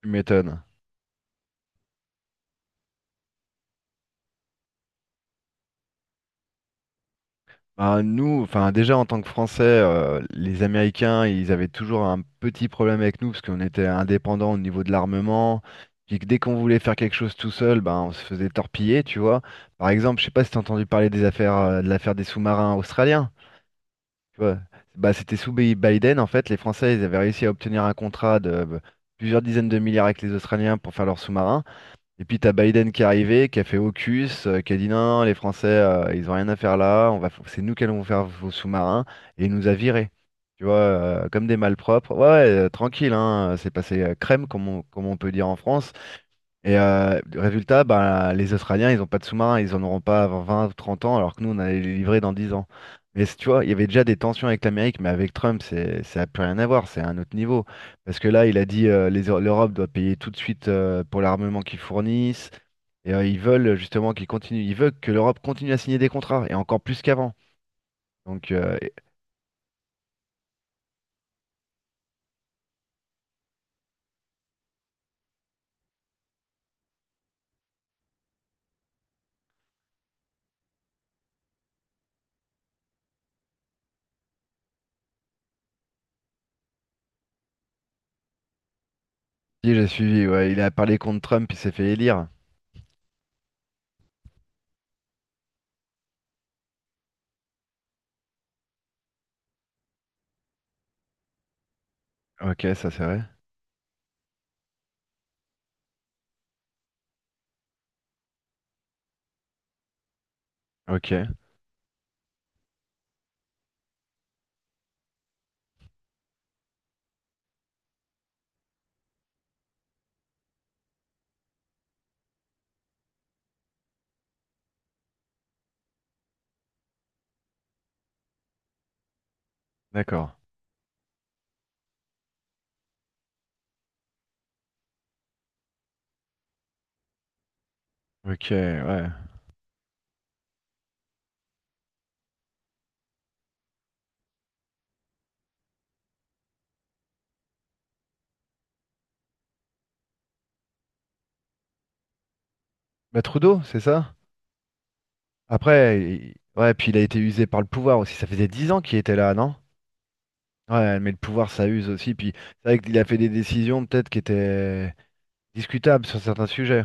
Tu m'étonnes. Ben, nous, enfin déjà en tant que Français, les Américains, ils avaient toujours un petit problème avec nous parce qu'on était indépendants au niveau de l'armement. Puis que dès qu'on voulait faire quelque chose tout seul, ben on se faisait torpiller, tu vois. Par exemple, je sais pas si t'as entendu parler de l'affaire des sous-marins australiens. Tu vois. Bah, c'était sous Biden en fait, les Français, ils avaient réussi à obtenir un contrat de plusieurs dizaines de milliards avec les Australiens pour faire leurs sous-marins. Et puis t'as Biden qui est arrivé, qui a fait AUKUS, qui a dit non, non, les Français, ils ont rien à faire là, c'est nous qui allons faire vos sous-marins, et il nous a virés, tu vois, comme des malpropres. Ouais, ouais, tranquille, hein, c'est passé crème, comme on peut dire en France. Et le résultat, bah, les Australiens, ils n'ont pas de sous-marins, ils en auront pas avant 20 ou 30 ans, alors que nous, on allait les livrer dans 10 ans. Mais tu vois, il y avait déjà des tensions avec l'Amérique, mais avec Trump, c'est, ça n'a plus rien à voir, c'est un autre niveau. Parce que là, il a dit l'Europe doit payer tout de suite pour l'armement qu'ils fournissent. Et ils veulent justement qu'ils continuent, ils veulent que l'Europe continue à signer des contrats, et encore plus qu'avant. Donc, euh, et- Si j'ai suivi, ouais, il a parlé contre Trump, il s'est fait élire. Ok, ça c'est vrai. Ok, d'accord. Ok, ouais. Bah Trudeau, c'est ça? Après, ouais, puis il a été usé par le pouvoir aussi. Ça faisait 10 ans qu'il était là, non? Ouais, mais le pouvoir, ça use aussi. Puis c'est vrai qu'il a fait des décisions peut-être qui étaient discutables sur certains sujets.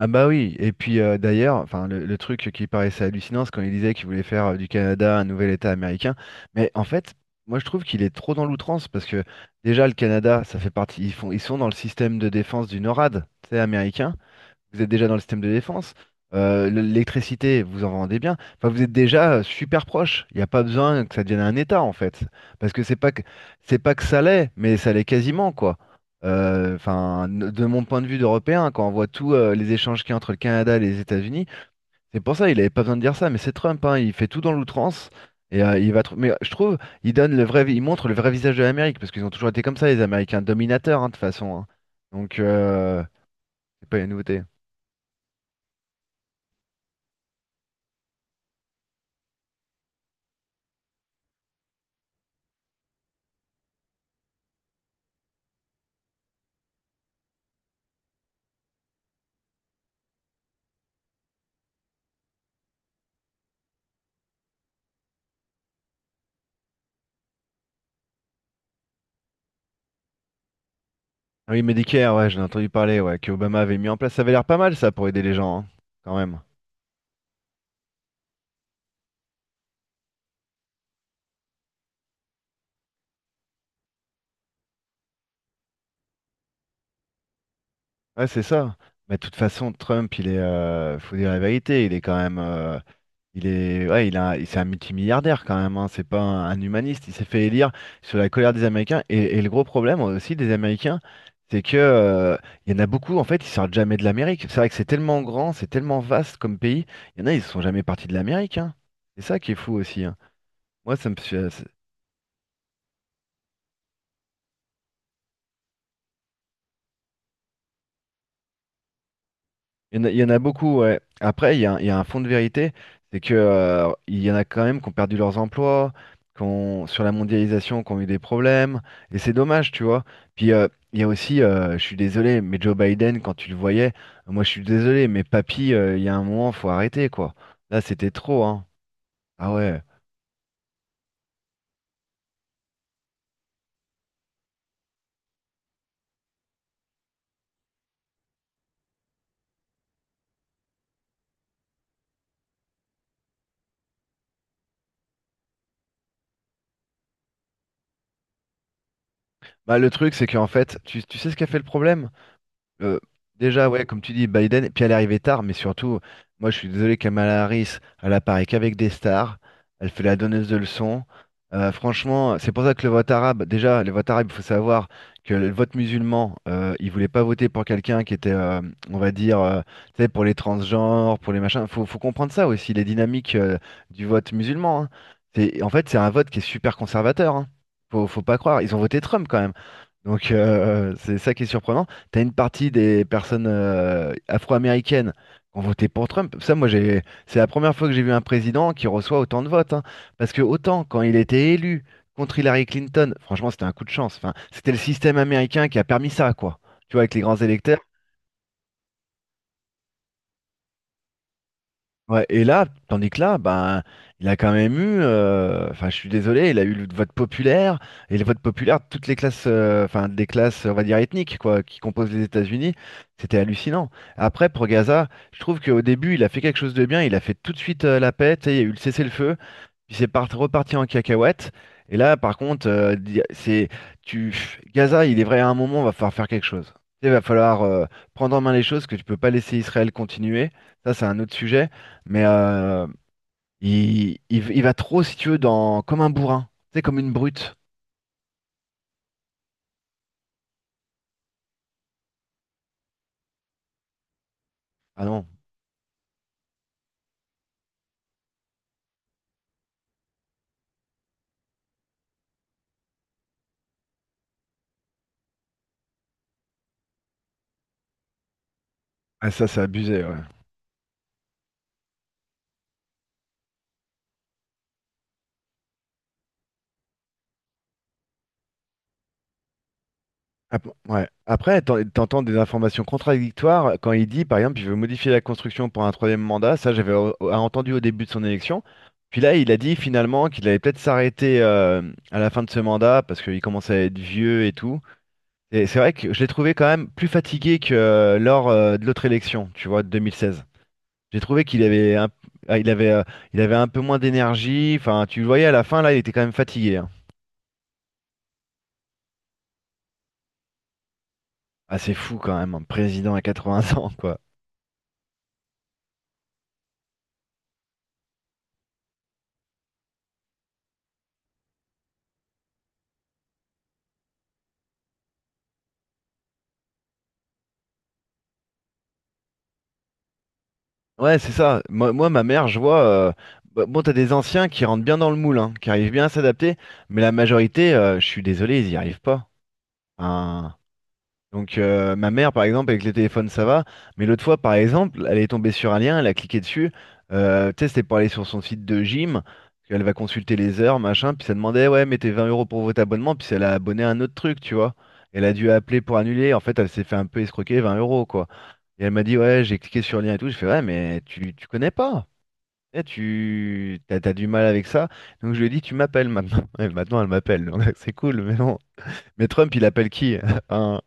Ah bah oui, et puis d'ailleurs, enfin le truc qui paraissait hallucinant, c'est quand il disait qu'il voulait faire du Canada un nouvel État américain, mais en fait, moi je trouve qu'il est trop dans l'outrance parce que déjà le Canada, ça fait partie, ils font, ils sont dans le système de défense du NORAD, tu sais, américain. Vous êtes déjà dans le système de défense, l'électricité, vous en vendez bien, enfin vous êtes déjà super proche, il n'y a pas besoin que ça devienne un État en fait, parce que c'est pas que ça l'est, mais ça l'est quasiment quoi. Enfin, de mon point de vue d'Européen, quand on voit tous les échanges qu'il y a entre le Canada et les États-Unis, c'est pour ça il n'avait pas besoin de dire ça, mais c'est Trump, hein, il fait tout dans l'outrance. Et mais je trouve, il montre le vrai visage de l'Amérique parce qu'ils ont toujours été comme ça, les Américains dominateurs hein, de toute façon. Hein. Donc, c'est pas une nouveauté. Ah oui, Medicare, ouais, j'en ai entendu parler, ouais, que Obama avait mis en place. Ça avait l'air pas mal, ça, pour aider les gens, hein, quand même. Ouais, c'est ça. Mais de toute façon, Trump, il est, faut dire la vérité, il est quand même, ouais, c'est un multimilliardaire quand même, hein, c'est pas un humaniste. Il s'est fait élire sur la colère des Américains. Et le gros problème aussi des Américains, c'est que il y en a beaucoup, en fait, ils sortent jamais de l'Amérique. C'est vrai que c'est tellement grand, c'est tellement vaste comme pays. Il y en a, ils sont jamais partis de l'Amérique. Hein. C'est ça qui est fou aussi. Hein. Moi, ça. Il y en a beaucoup, ouais. Après, il y a un fond de vérité, c'est que il y en a quand même qui ont perdu leurs emplois, sur la mondialisation, qui ont eu des problèmes, et c'est dommage, tu vois. Puis, il y a aussi, je suis désolé, mais Joe Biden, quand tu le voyais, moi je suis désolé, mais papy, il y a un moment, faut arrêter, quoi. Là, c'était trop, hein. Ah ouais. Bah, le truc, c'est qu'en fait, tu sais ce qu'a fait le problème? Euh, Déjà, ouais, comme tu dis, Biden, et puis elle est arrivée tard, mais surtout, moi je suis désolé, Kamala Harris, elle apparaît qu'avec des stars, elle fait la donneuse de leçons. Franchement, c'est pour ça que le vote arabe, déjà, le vote arabe, il faut savoir que le vote musulman, il voulait pas voter pour quelqu'un qui était, on va dire, tu sais, pour les transgenres, pour les machins. Faut comprendre ça aussi, les dynamiques du vote musulman. Hein. C'est, en fait, c'est un vote qui est super conservateur. Hein. Faut pas croire. Ils ont voté Trump quand même. Donc, c'est ça qui est surprenant. T'as une partie des personnes afro-américaines qui ont voté pour Trump. Ça, moi, c'est la première fois que j'ai vu un président qui reçoit autant de votes. Hein. Parce que autant quand il était élu contre Hillary Clinton, franchement, c'était un coup de chance. Enfin, c'était le système américain qui a permis ça, quoi. Tu vois, avec les grands électeurs. Ouais, et là, tandis que là, ben, il a quand même eu, enfin, je suis désolé, il a eu le vote populaire, et le vote populaire de toutes des classes, on va dire, ethniques, quoi, qui composent les États-Unis, c'était hallucinant. Après, pour Gaza, je trouve qu'au début, il a fait quelque chose de bien, il a fait tout de suite la paix, tu sais, il y a eu le cessez-le-feu, puis c'est reparti en cacahuète. Et là, par contre, Gaza, il est vrai à un moment, va falloir faire quelque chose. Il va falloir prendre en main les choses, que tu peux pas laisser Israël continuer. Ça, c'est un autre sujet. Mais il va trop, si tu veux, dans comme un bourrin. C'est comme une brute. Ah non, ah, ça, c'est abusé. Ouais. Ouais. Après, t'entends des informations contradictoires quand il dit, par exemple, il veut modifier la construction pour un troisième mandat. Ça, j'avais entendu au début de son élection. Puis là, il a dit finalement qu'il allait peut-être s'arrêter à la fin de ce mandat parce qu'il commençait à être vieux et tout. Et c'est vrai que je l'ai trouvé quand même plus fatigué que lors de l'autre élection, tu vois, de 2016. J'ai trouvé qu'il avait ah, il avait, euh, il avait un peu moins d'énergie. Enfin, tu le voyais à la fin, là, il était quand même fatigué. Hein. Ah, c'est fou quand même, un président à 80 ans, quoi. Ouais, c'est ça. Moi, ma mère, je vois. euh, Bah, bon, t'as des anciens qui rentrent bien dans le moule, hein, qui arrivent bien à s'adapter, mais la majorité, je suis désolé, ils y arrivent pas. Hein. Donc, ma mère, par exemple, avec les téléphones, ça va. Mais l'autre fois, par exemple, elle est tombée sur un lien, elle a cliqué dessus. Tu sais, c'était pour aller sur son site de gym. Elle va consulter les heures, machin. Puis ça demandait, ouais, mettez 20 € pour votre abonnement. Puis elle a abonné à un autre truc, tu vois. Elle a dû appeler pour annuler. En fait, elle s'est fait un peu escroquer 20 euros, quoi. Et elle m'a dit, ouais, j'ai cliqué sur le lien et tout. Je fais, ouais, mais tu connais pas. Eh, t'as du mal avec ça. Donc je lui ai dit, tu m'appelles maintenant. Et maintenant, elle m'appelle, donc. C'est cool, mais bon. Mais Trump, il appelle qui? Hein.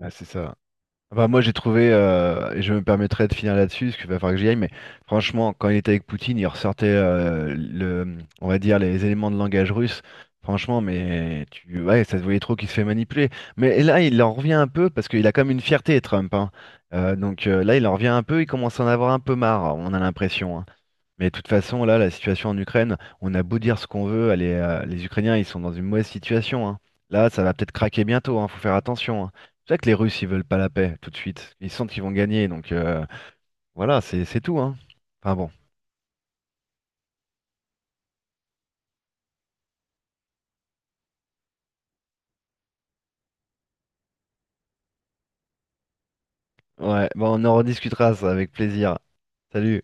Ah, c'est ça. Enfin, moi, j'ai trouvé, et je me permettrai de finir là-dessus, parce qu'il va falloir que j'y aille, mais franchement, quand il était avec Poutine, il ressortait, on va dire, les éléments de langage russe. Franchement, mais ouais, ça se voyait trop qu'il se fait manipuler. Mais et là, il en revient un peu, parce qu'il a comme une fierté, Trump, hein. Donc, là, il en revient un peu, il commence à en avoir un peu marre, on a l'impression. Hein. Mais de toute façon, là, la situation en Ukraine, on a beau dire ce qu'on veut, les Ukrainiens, ils sont dans une mauvaise situation, hein. Là, ça va peut-être craquer bientôt, hein, faut faire attention. Hein. C'est pour ça que les Russes, ils veulent pas la paix tout de suite. Ils sentent qu'ils vont gagner, donc, voilà, c'est tout, hein. Enfin bon, ouais, bon, on en rediscutera ça avec plaisir. Salut.